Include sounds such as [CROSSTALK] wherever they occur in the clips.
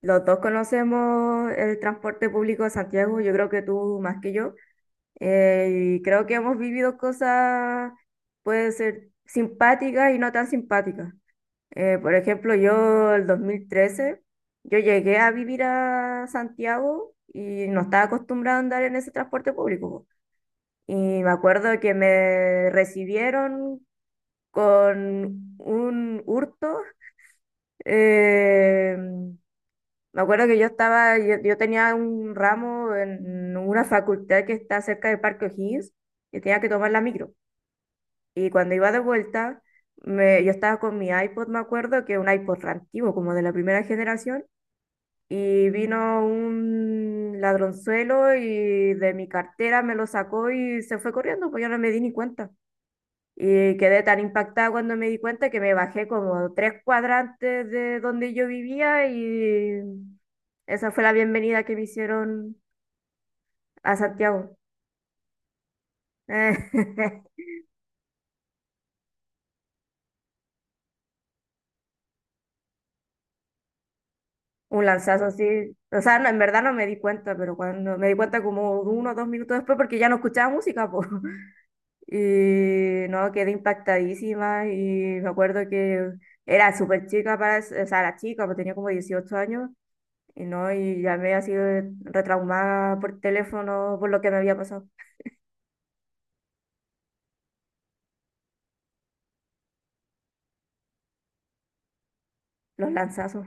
Los dos conocemos el transporte público de Santiago, yo creo que tú más que yo, y creo que hemos vivido cosas, puede ser simpáticas y no tan simpáticas. Por ejemplo, yo el 2013, yo llegué a vivir a Santiago y no estaba acostumbrada a andar en ese transporte público, po. Y me acuerdo que me recibieron con un hurto. eh, Me acuerdo que yo tenía un ramo en una facultad que está cerca del Parque O'Higgins y tenía que tomar la micro. Y cuando iba de vuelta, yo estaba con mi iPod, me acuerdo, que es un iPod re antiguo, como de la primera generación, y vino un ladronzuelo y de mi cartera me lo sacó y se fue corriendo, pues yo no me di ni cuenta. Y quedé tan impactada cuando me di cuenta que me bajé como tres cuadrantes de donde yo vivía, y esa fue la bienvenida que me hicieron a Santiago. [LAUGHS] Un lanzazo así. O sea, no, en verdad no me di cuenta, pero cuando me di cuenta como uno o dos minutos después porque ya no escuchaba música, po. [LAUGHS] Y no, quedé impactadísima y me acuerdo que era súper chica para, o sea, era chica, pues tenía como 18 años y no, y llamé así retraumada por teléfono por lo que me había pasado, los lanzazos.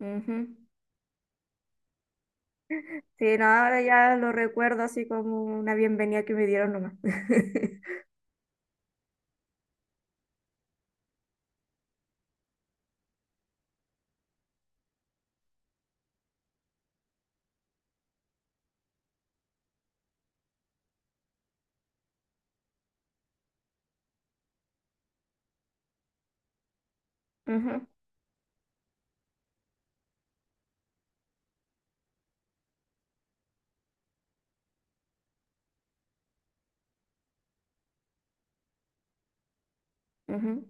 Ujú. Sí, no, ahora ya lo recuerdo así como una bienvenida que me dieron nomás. Ujú, ujú,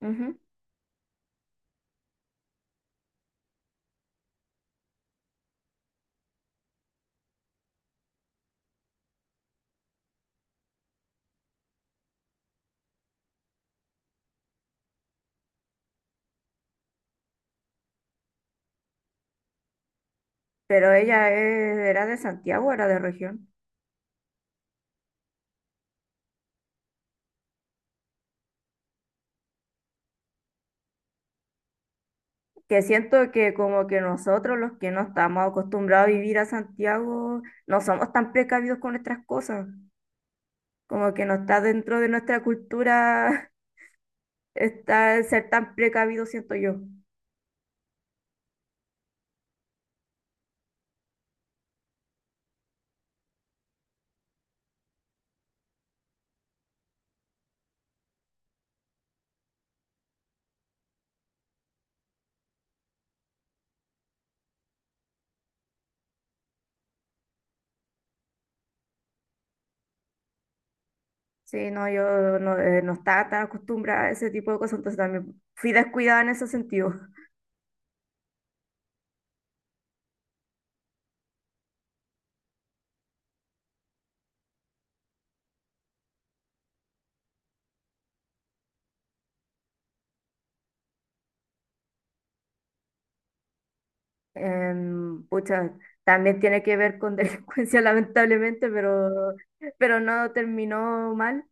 ujú. Pero ella era de Santiago, era de región. Que siento que como que nosotros los que no estamos acostumbrados a vivir a Santiago, no somos tan precavidos con nuestras cosas. Como que no está dentro de nuestra cultura [LAUGHS] estar, ser tan precavido, siento yo. Sí, no, yo no, no estaba tan acostumbrada a ese tipo de cosas, entonces también fui descuidada en ese sentido. Pucha, también tiene que ver con [LAUGHS] delincuencia, lamentablemente, pero no terminó mal.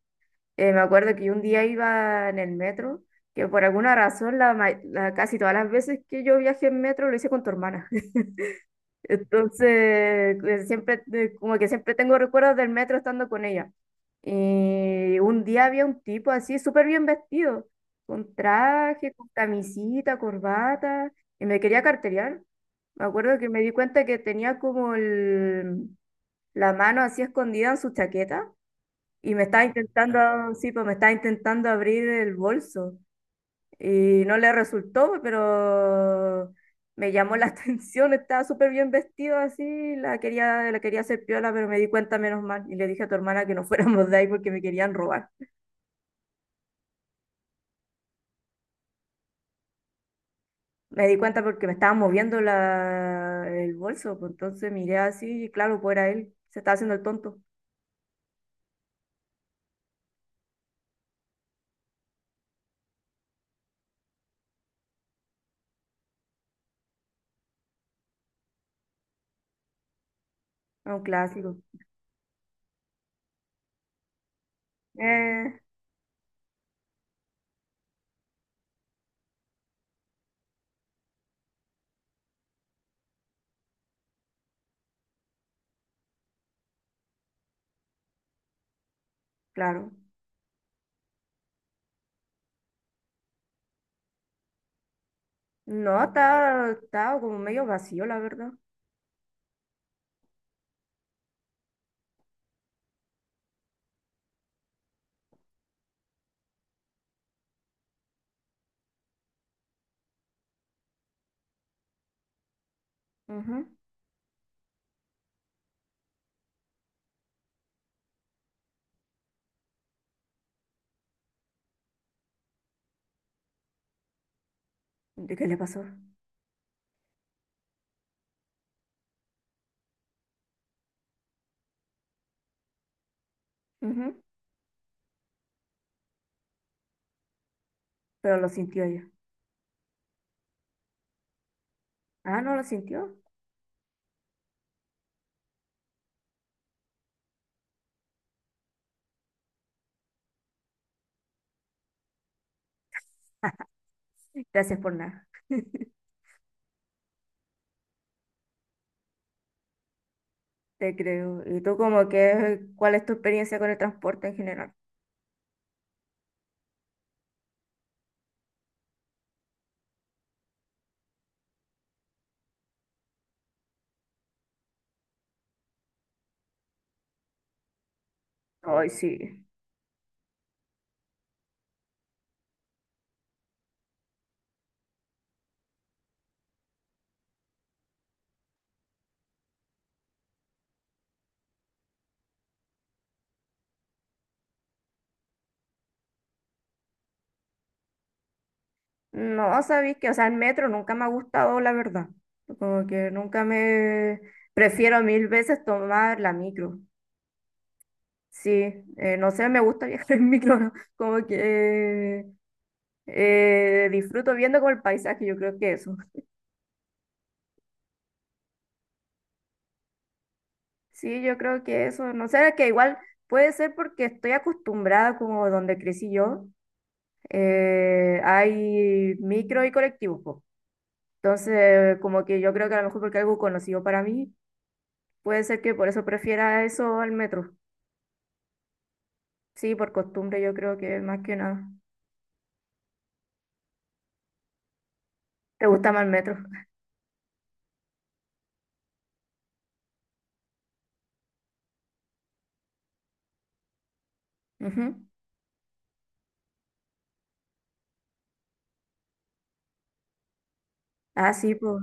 Me acuerdo que un día iba en el metro, que por alguna razón, casi todas las veces que yo viajé en metro lo hice con tu hermana. Entonces, siempre, como que siempre tengo recuerdos del metro estando con ella. Y un día había un tipo así, súper bien vestido, con traje, con camisita, corbata, y me quería carterear. Me acuerdo que me di cuenta que tenía como la mano así escondida en su chaqueta y me estaba intentando, sí, pues me estaba intentando abrir el bolso. Y no le resultó, pero me llamó la [LAUGHS] atención, estaba súper bien vestido así, la quería hacer piola, pero me di cuenta menos mal. Y le dije a tu hermana que no [LAUGHS] fuéramos de ahí porque me querían robar. Me di cuenta porque me estaba moviendo el bolso, pues entonces miré así y claro, pues era él, se estaba haciendo el tonto, era un clásico. Eh, claro. No, estaba, estaba como medio vacío, la verdad. Ujú. ¿De qué le pasó? Ujú. Pero lo sintió ella. Ah, no lo sintió. Gracias por nada, te creo. ¿Y tú como que cuál es tu experiencia con el transporte en general? Ay, sí. No, sabéis que, o sea, el metro nunca me ha gustado, la verdad. Como que nunca me... Prefiero mil veces tomar la micro. Sí, no sé, me gusta [LAUGHS] viajar en micro, ¿no? Como que disfruto viendo como el paisaje, yo creo que eso. Sí, yo creo que eso, no sé, que igual puede ser porque estoy acostumbrada como donde crecí yo, hay micro y colectivos, po. Entonces, como que yo creo que a lo mejor porque algo conocido para mí, puede ser que por eso prefiera eso al metro. Sí, por costumbre yo creo que más que nada. ¿Te gusta más el metro? Ujú. Ah, sí, pues,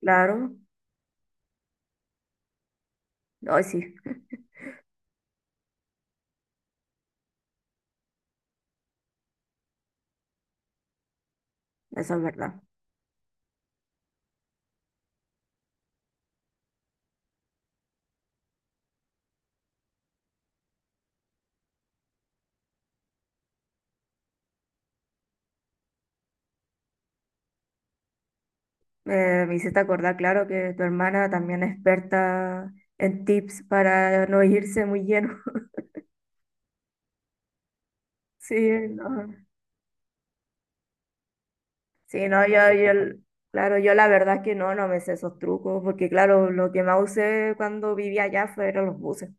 claro. Hoy sí, eso es verdad. Me hiciste acordar, claro, que tu hermana también es experta en tips para no irse muy lleno. [LAUGHS] Sí, no. Sí, no, claro, yo la verdad es que no, no me sé esos trucos, porque claro, lo que más usé cuando vivía allá fueron los buses,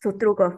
sus trucos.